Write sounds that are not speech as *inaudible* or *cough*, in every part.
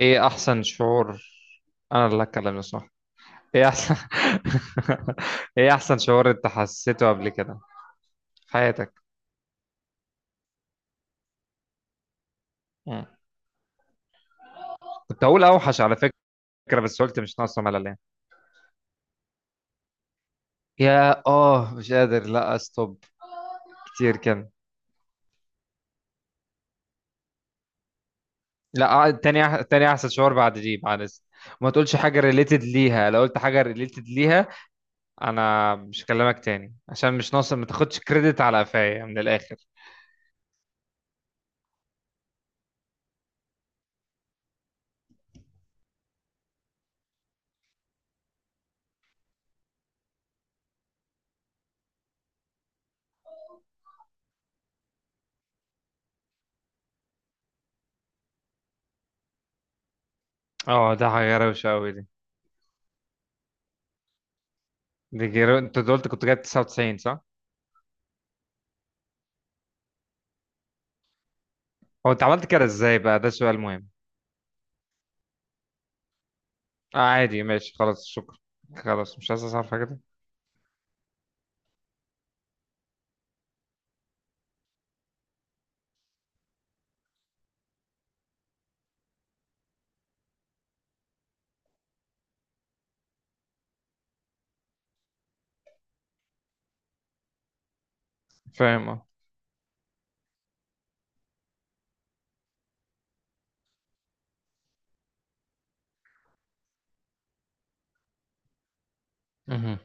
ايه احسن شعور؟ انا اللي هتكلم، صح؟ ايه احسن *laughs* ايه احسن شعور انت حسيته قبل كده في حياتك؟ مم. كنت هقول اوحش على فكرة، بس قلت مش ناقصة ملل يعني. يا مش قادر لا استوب كتير كده. لا تاني تاني احسن شعور بعد دي، بعد وما تقولش حاجة ريليتد ليها. لو قلت حاجة ريليتد ليها انا مش هكلمك تاني، عشان مش ناقصة ما تاخدش كريدت على قفايا من الاخر. اه، ده حاجة روشة قوي دي. انت قلت كنت جايب 99، صح؟ هو انت عملت كده ازاي بقى؟ ده سؤال مهم. آه، عادي، ماشي، خلاص شكرا. خلاص مش عايز اعرف كده. فاهم، اه. مهم.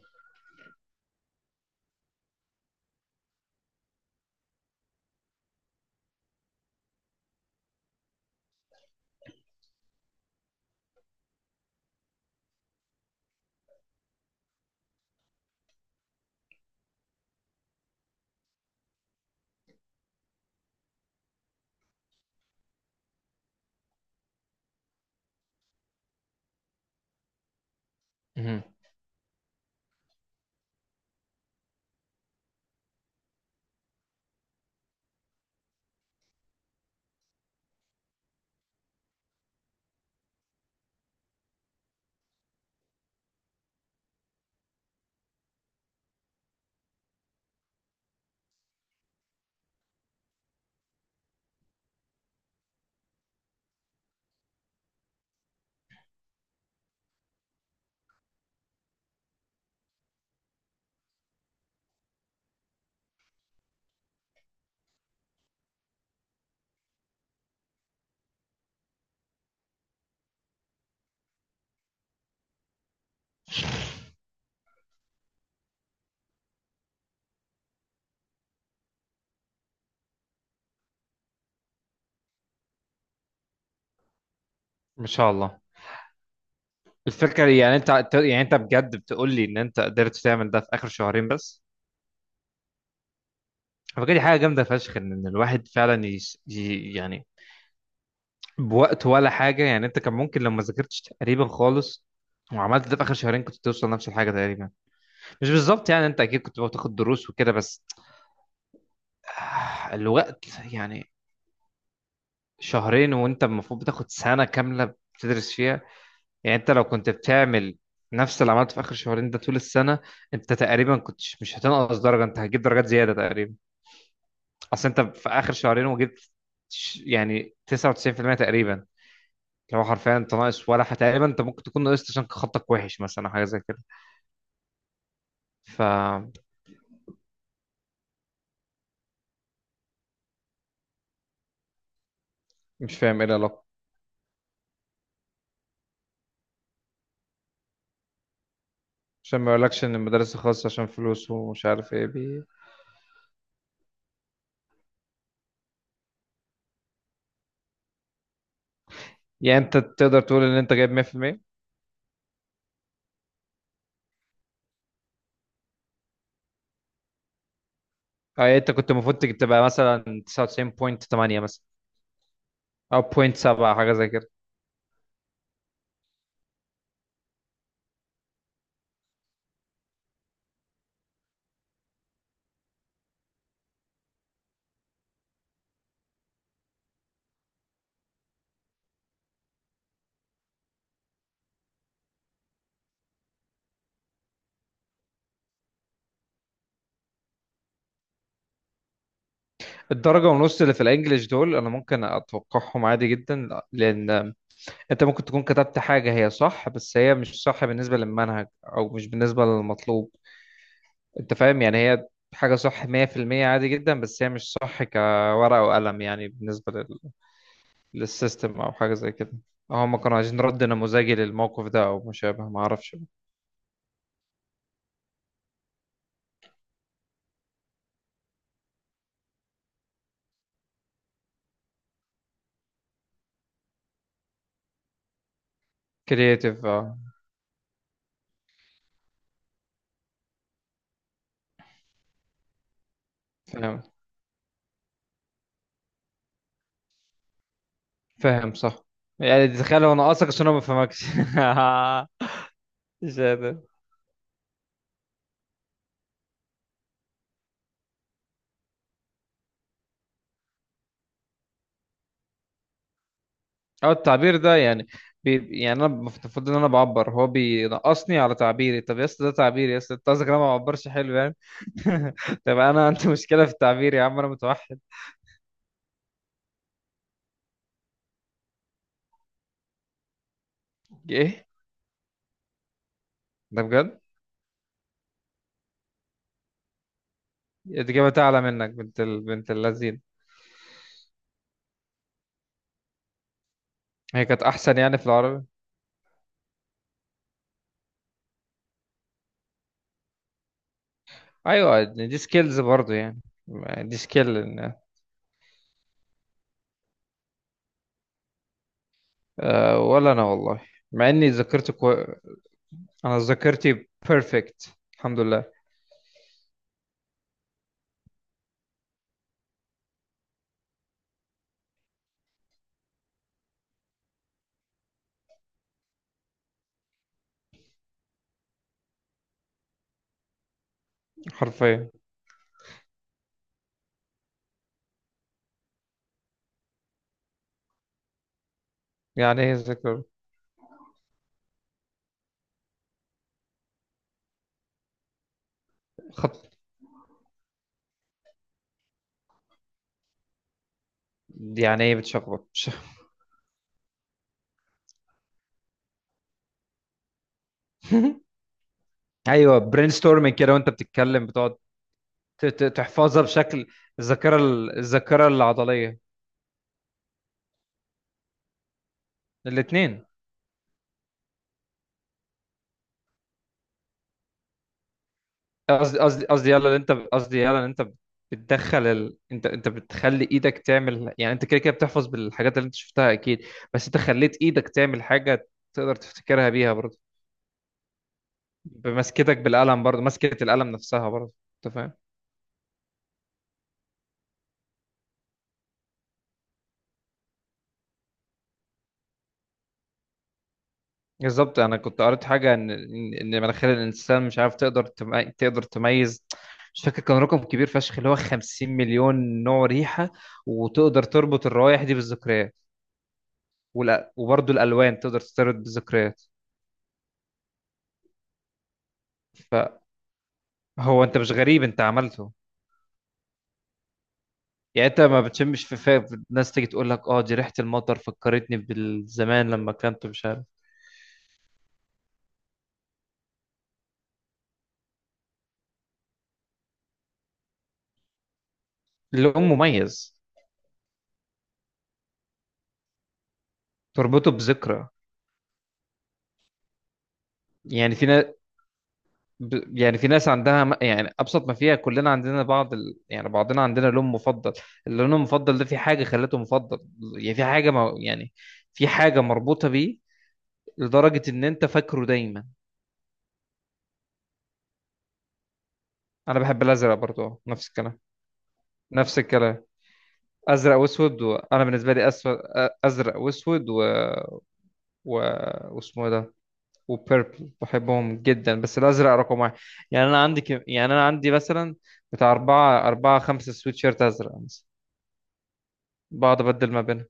مهم. ما شاء الله. الفكرة يعني يعني انت بجد بتقول لي ان انت قدرت تعمل ده في اخر شهرين بس؟ فكرة دي حاجة جامدة فشخ، ان الواحد فعلا يعني بوقت ولا حاجة يعني. انت كان ممكن لو ما ذاكرتش تقريبا خالص وعملت ده في اخر شهرين، كنت توصل نفس الحاجة تقريبا. مش بالظبط يعني، انت اكيد كنت بتاخد دروس وكده، بس الوقت يعني. شهرين وانت المفروض بتاخد سنة كاملة بتدرس فيها. يعني انت لو كنت بتعمل نفس اللي عملته في اخر شهرين ده طول السنة، انت تقريبا كنت مش هتنقص درجة، انت هتجيب درجات زيادة تقريبا. اصل انت في اخر شهرين وجبت يعني 99% تقريبا. لو حرفيا انت ناقص ولا تقريبا انت ممكن تكون ناقصت عشان خطك وحش مثلا أو حاجة زي كده. فمش فاهم ايه العلاقة. عشان ما يقولكش ان المدارس الخاصة عشان فلوس ومش عارف ايه يعني انت تقدر تقول ان انت جايب 100%؟ اه، يعني انت كنت المفروض تبقى مثلا 99.8 مثلا، او 0.7 حاجه زي كده. الدرجه ونص اللي في الانجليش دول انا ممكن اتوقعهم عادي جدا، لان انت ممكن تكون كتبت حاجه هي صح، بس هي مش صح بالنسبه للمنهج او مش بالنسبه للمطلوب. انت فاهم يعني، هي حاجه صح 100% عادي جدا، بس هي مش صح كورقه وقلم يعني، بالنسبه للسيستم او حاجه زي كده. هم كانوا عايزين رد نموذجي للموقف ده او مشابه، ما اعرفش. كرييتيف، اه. فاهم. فاهم، صح. يعني تخيل لو انا قاصك عشان انا ما بفهمكش. *laughs* مش قادر. او التعبير ده يعني، بي يعني انا المفروض ان انا بعبر، هو بينقصني على تعبيري؟ طب يا اسطى ده تعبيري يا اسطى، انت قصدك إن انا ما بعبرش حلو يعني؟ *laughs* طب انا عندي مشكله في التعبير يا عم، انا متوحد. ايه؟ ده بجد؟ الاجابه تعلى منك بنت بنت اللذين. هي كانت احسن يعني في العربي. ايوه، دي سكيلز برضو يعني. دي سكيل. إن- ولا انا والله، مع اني ذاكرت. انا ذاكرتي بيرفكت الحمد لله. حرفيا. يعني ايه ذاكر؟ خط. يعني ايه بتشخبط؟ *laughs* ايوه، برين ستورمنج كده وانت بتتكلم، بتقعد تحفظها بشكل الذاكره الذاكره العضليه. الاثنين. قصدي قصدي، يلا اللي انت، قصدي يلا اللي انت بتدخل انت انت بتخلي ايدك تعمل، يعني انت كده كده بتحفظ بالحاجات اللي انت شفتها اكيد، بس انت خليت ايدك تعمل حاجه تقدر تفتكرها بيها برضه. بمسكتك بالقلم برضه، مسكه القلم نفسها برضه. انت فاهم. بالظبط، انا كنت قريت حاجه ان ان مناخير الانسان، مش عارف، تقدر تقدر تميز، مش فاكر كان رقم كبير فشخ، اللي هو 50 مليون نوع ريحه، وتقدر تربط الروائح دي بالذكريات. وبرضه الالوان تقدر ترتبط بالذكريات. فهو انت مش غريب، انت عملته. يعني انت ما بتشمش في فاق الناس تيجي تقول لك اه دي ريحه المطر فكرتني بالزمان لما كنت مش عارف. اللون مميز، تربطه بذكرى. يعني في ناس يعني في ناس عندها يعني ابسط ما فيها كلنا عندنا بعض يعني بعضنا عندنا لون مفضل. اللون المفضل ده في حاجه خلته مفضل، يعني في حاجه ما... يعني في حاجه مربوطه بيه لدرجه ان انت فاكره دايما. انا بحب الازرق برضو، نفس الكلام. نفس الكلام. ازرق واسود، وانا بالنسبه لي اسود، ازرق واسود، و... واسمه إيه ده، وبيربل، بحبهم جدا، بس الازرق رقم واحد. يعني انا عندي يعني انا عندي مثلا بتاع اربعه اربعه خمسه سويت شيرت ازرق مثلا، بقعد ابدل ما بينها.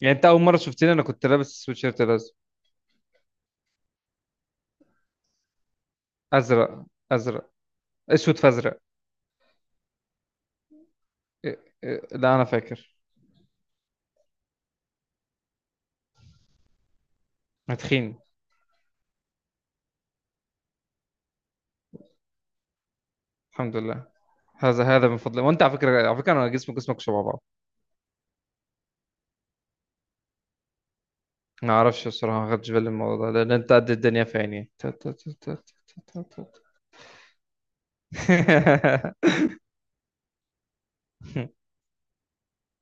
يعني انت اول مره شفتني انا كنت لابس سويتشيرت الازرق. ازرق. ازرق. اسود في ازرق. إيه- إيه، لا انا فاكر. أنا تخين، الحمد لله. هذا هذا من فضلك. وانت على فكره، على فكره، انا جسمي جسمك شبه بعض. ما اعرفش الصراحه، ما خدتش بالي من الموضوع ده لان انت قد الدنيا في عيني. *laughs* تا- تا- تا- تا. *laughs*